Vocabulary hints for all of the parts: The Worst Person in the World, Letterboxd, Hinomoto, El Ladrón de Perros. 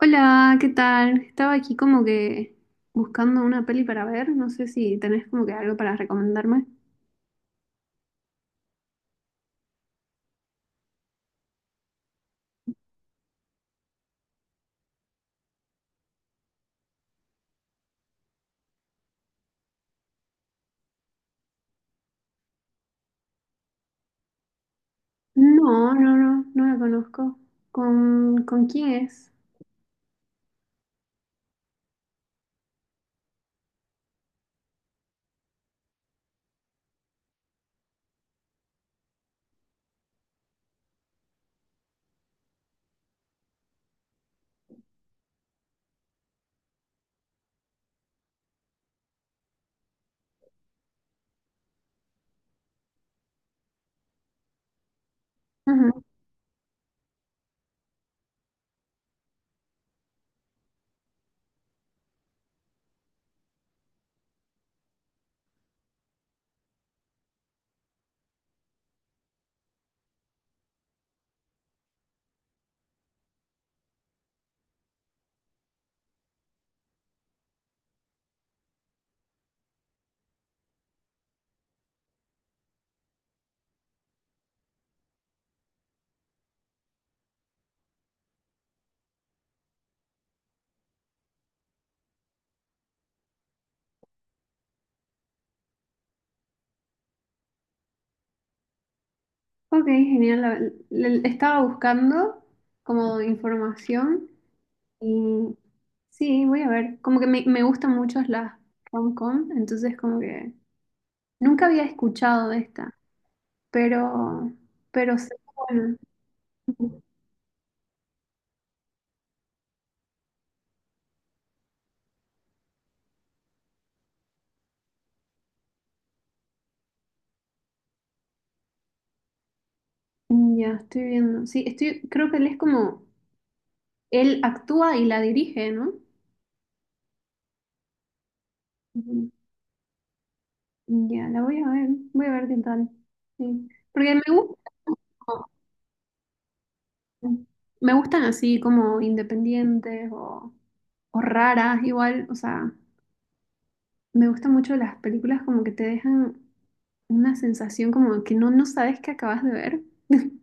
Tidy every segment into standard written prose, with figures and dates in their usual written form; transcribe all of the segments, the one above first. Hola, ¿qué tal? Estaba aquí como que buscando una peli para ver. No sé si tenés como que algo para recomendarme. No, no, no, no la conozco. ¿Con quién es? Ujú. Ok, genial. Estaba buscando como información y sí, voy a ver. Como que me gustan mucho las rom-com, entonces como que nunca había escuchado de esta, pero, pero sé que bueno. Ya, estoy viendo. Sí, estoy, creo que él es como, él actúa y la dirige, ¿no? Ujú. Ya, la voy a ver qué tal. Sí. Porque me gusta, como- me gustan así como independientes o raras, igual, o sea, me gustan mucho las películas como que te dejan una sensación como que no sabes qué acabas de ver.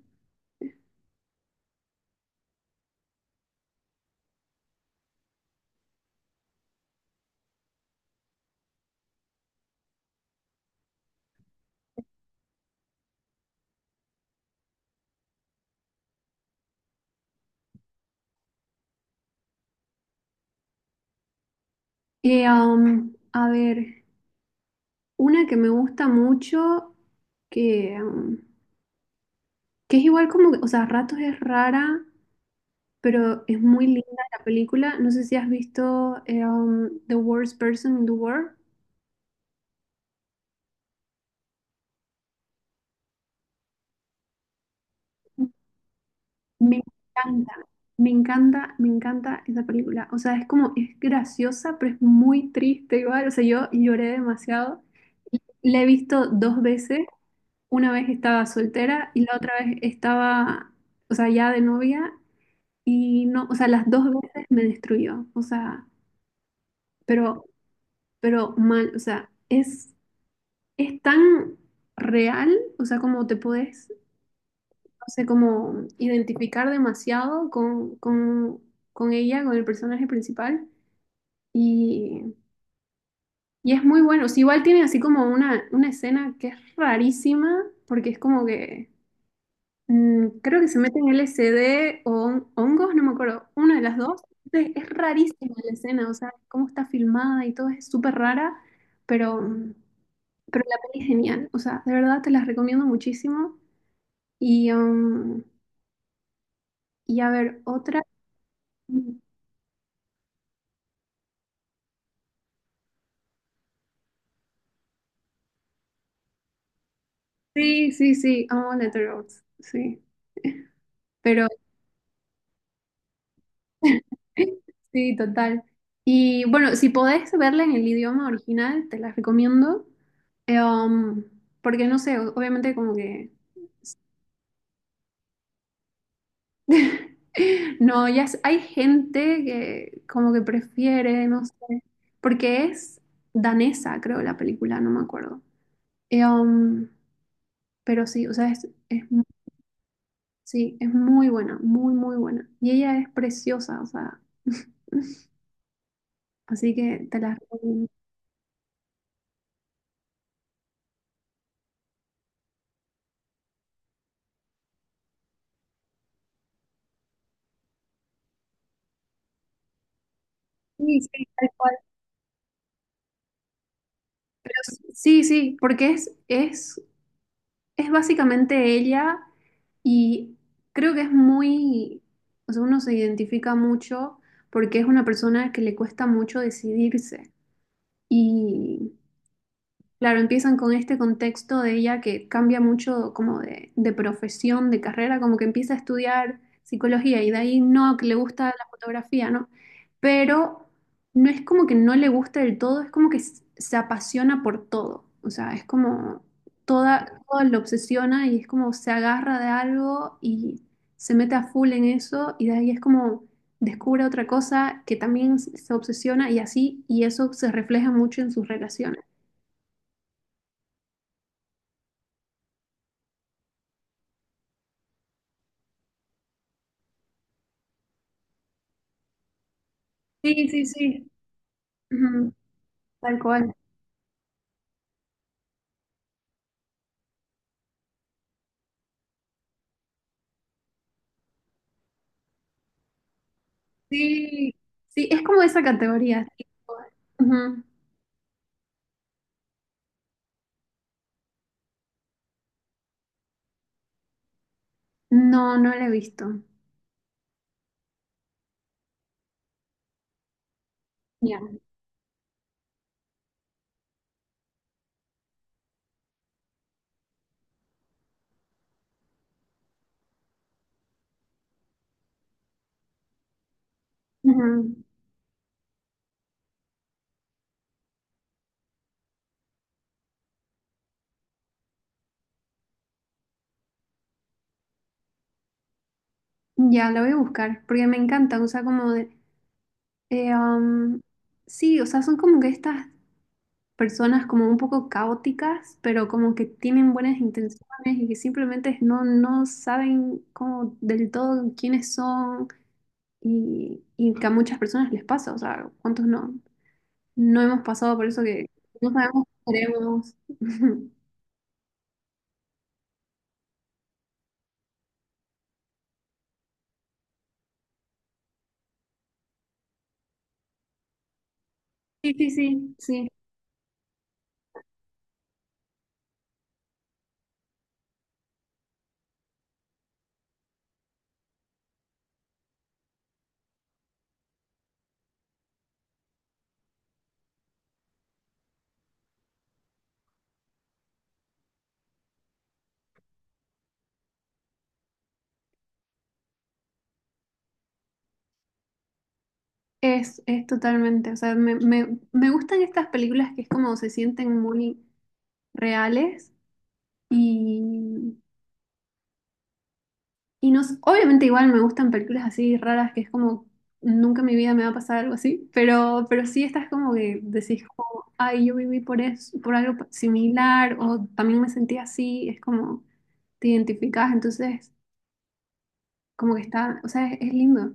Y, a ver, una que me gusta mucho, que, um, que es igual como, o sea, a ratos es rara, pero es muy linda la película. No sé si has visto The Worst Person in the World. Me encanta, me encanta, me encanta esa película. O sea, es como, es graciosa, pero es muy triste igual. O sea, yo lloré demasiado. La he visto dos veces. Una vez estaba soltera y la otra vez estaba, o sea, ya de novia. Y no, o sea, las dos veces me destruyó. O sea, pero, pero mal. O sea, es tan real, o sea, como te puedes, no sé, como identificar demasiado con, con ella, con el personaje principal. Y, y es muy bueno. O sea, igual tiene así como una escena que es rarísima, porque es como que creo que se mete en LSD o hongos, no me acuerdo, una de las dos. Entonces, es rarísima la escena, o sea, cómo está filmada y todo es súper rara, pero, mm, pero la peli es genial. O sea, de verdad te las recomiendo muchísimo. Y, um, y a ver, otra. Sí, sí, sí, amo Letterboxd, sí. Pero sí, total. Y bueno, si podés verla en el idioma original, te la recomiendo. Eh, um, porque no sé, obviamente como que. No, ya sé, hay gente que como que prefiere, no sé. Porque es danesa, creo, la película, no me acuerdo. Eh, um, pero sí, o sea, es Sí, es muy buena, muy, muy buena. Y ella es preciosa, o sea, así que te la recomiendo. Sí, sí, tal cual. Yo Sí, sí, sí, porque es básicamente ella y creo que es muy, o sea, uno se identifica mucho porque es una persona que le cuesta mucho decidirse. Y, Claro, empiezan con este contexto de ella que cambia mucho como de profesión, de carrera, como que empieza a estudiar psicología y de ahí no, que le gusta la fotografía, ¿no? Pero no es como que no le gusta del todo, es como que se apasiona por todo, o sea, es como todo lo obsesiona y es como se agarra de algo y se mete a full en eso y de ahí es como descubre otra cosa que también se obsesiona y así, y eso se refleja mucho en sus relaciones. Sí, sí, sí. Ujú. Tal cual. Sí, sí, es como esa categoría. Sí. Ujú. No, no la he visto. Ya. Ujú. Ya, la voy a buscar, porque me encanta, o sea, como de... eh, am, sí, o sea, son como que estas personas como un poco caóticas, pero como que tienen buenas intenciones y que simplemente no saben como del todo quiénes son y que a muchas personas les pasa, o sea, ¿cuántos no? No hemos pasado por eso que no sabemos qué queremos. Sí, sí, sí, sí. Es totalmente. O sea, me gustan estas películas que es como se sienten muy reales y, y no, obviamente igual me gustan películas así raras que es como nunca en mi vida me va a pasar algo así, pero sí estas como que decís como, ay, yo viví por eso, por algo similar o también me sentí así, es como te identificás, entonces como que está, o sea, es lindo.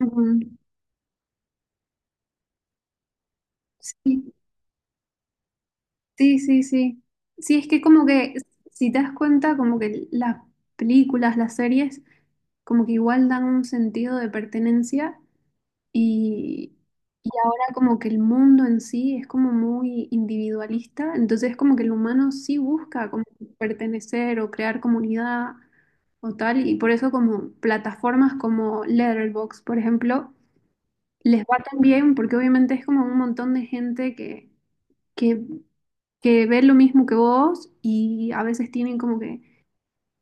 Ujú. Sí, sí, sí, sí. Sí, es que como que, si te das cuenta, como que las películas, las series, como que igual dan un sentido de pertenencia y, y ahora como que el mundo en sí es como muy individualista, entonces como que el humano sí busca como pertenecer o crear comunidad o tal, y por eso como plataformas como Letterboxd, por ejemplo, les va tan bien porque obviamente es como un montón de gente que que ven lo mismo que vos y a veces tienen como que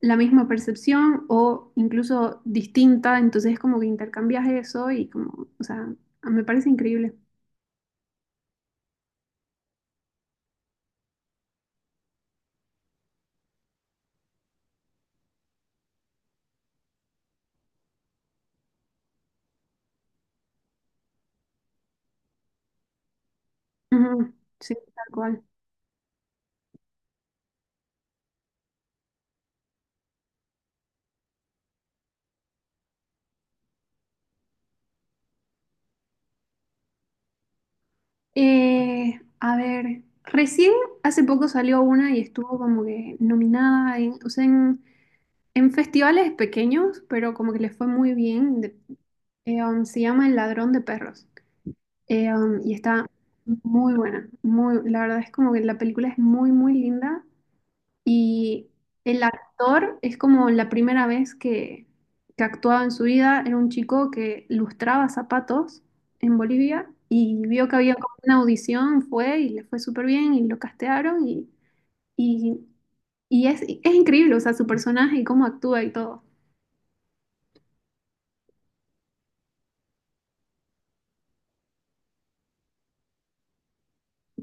la misma percepción o incluso distinta, entonces como que intercambias eso y como, o sea, me parece increíble. Ujú, sí, tal cual. A ver, recién hace poco salió una y estuvo como que nominada en, o sea, en festivales pequeños, pero como que les fue muy bien. Se llama El Ladrón de Perros. Y está muy buena, muy, la verdad es como que la película es muy, muy linda y el actor es como la primera vez que actuaba en su vida, era un chico que lustraba zapatos en Bolivia y vio que había como una audición, fue y le fue súper bien y lo castearon y, y es increíble, o sea, su personaje y cómo actúa y todo.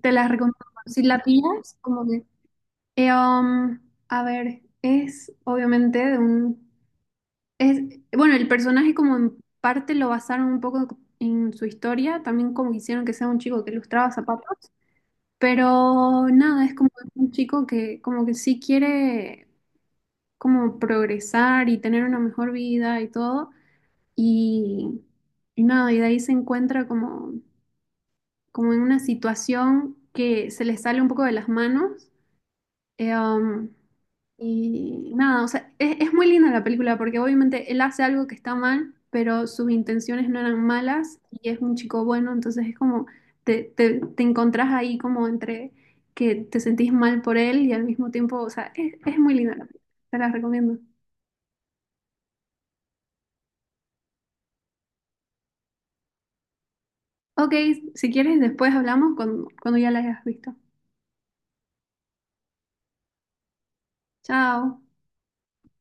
Te la recomiendo. Si la pillas, como que. eh, um, a ver, es obviamente de un. Es, bueno, el personaje como en parte lo basaron un poco en su historia, también como hicieron que sea un chico que lustraba zapatos, pero nada, es como un chico que como que sí quiere como progresar y tener una mejor vida y todo, y, y nada, y de ahí se encuentra como en una situación que se le sale un poco de las manos. Eh, um, y nada, o sea, es muy linda la película porque obviamente él hace algo que está mal, pero sus intenciones no eran malas y es un chico bueno, entonces es como te encontrás ahí como entre que te sentís mal por él y al mismo tiempo, o sea, es muy linda la película, te la recomiendo. Ok, si quieres después hablamos cuando, ya la hayas visto. Chao.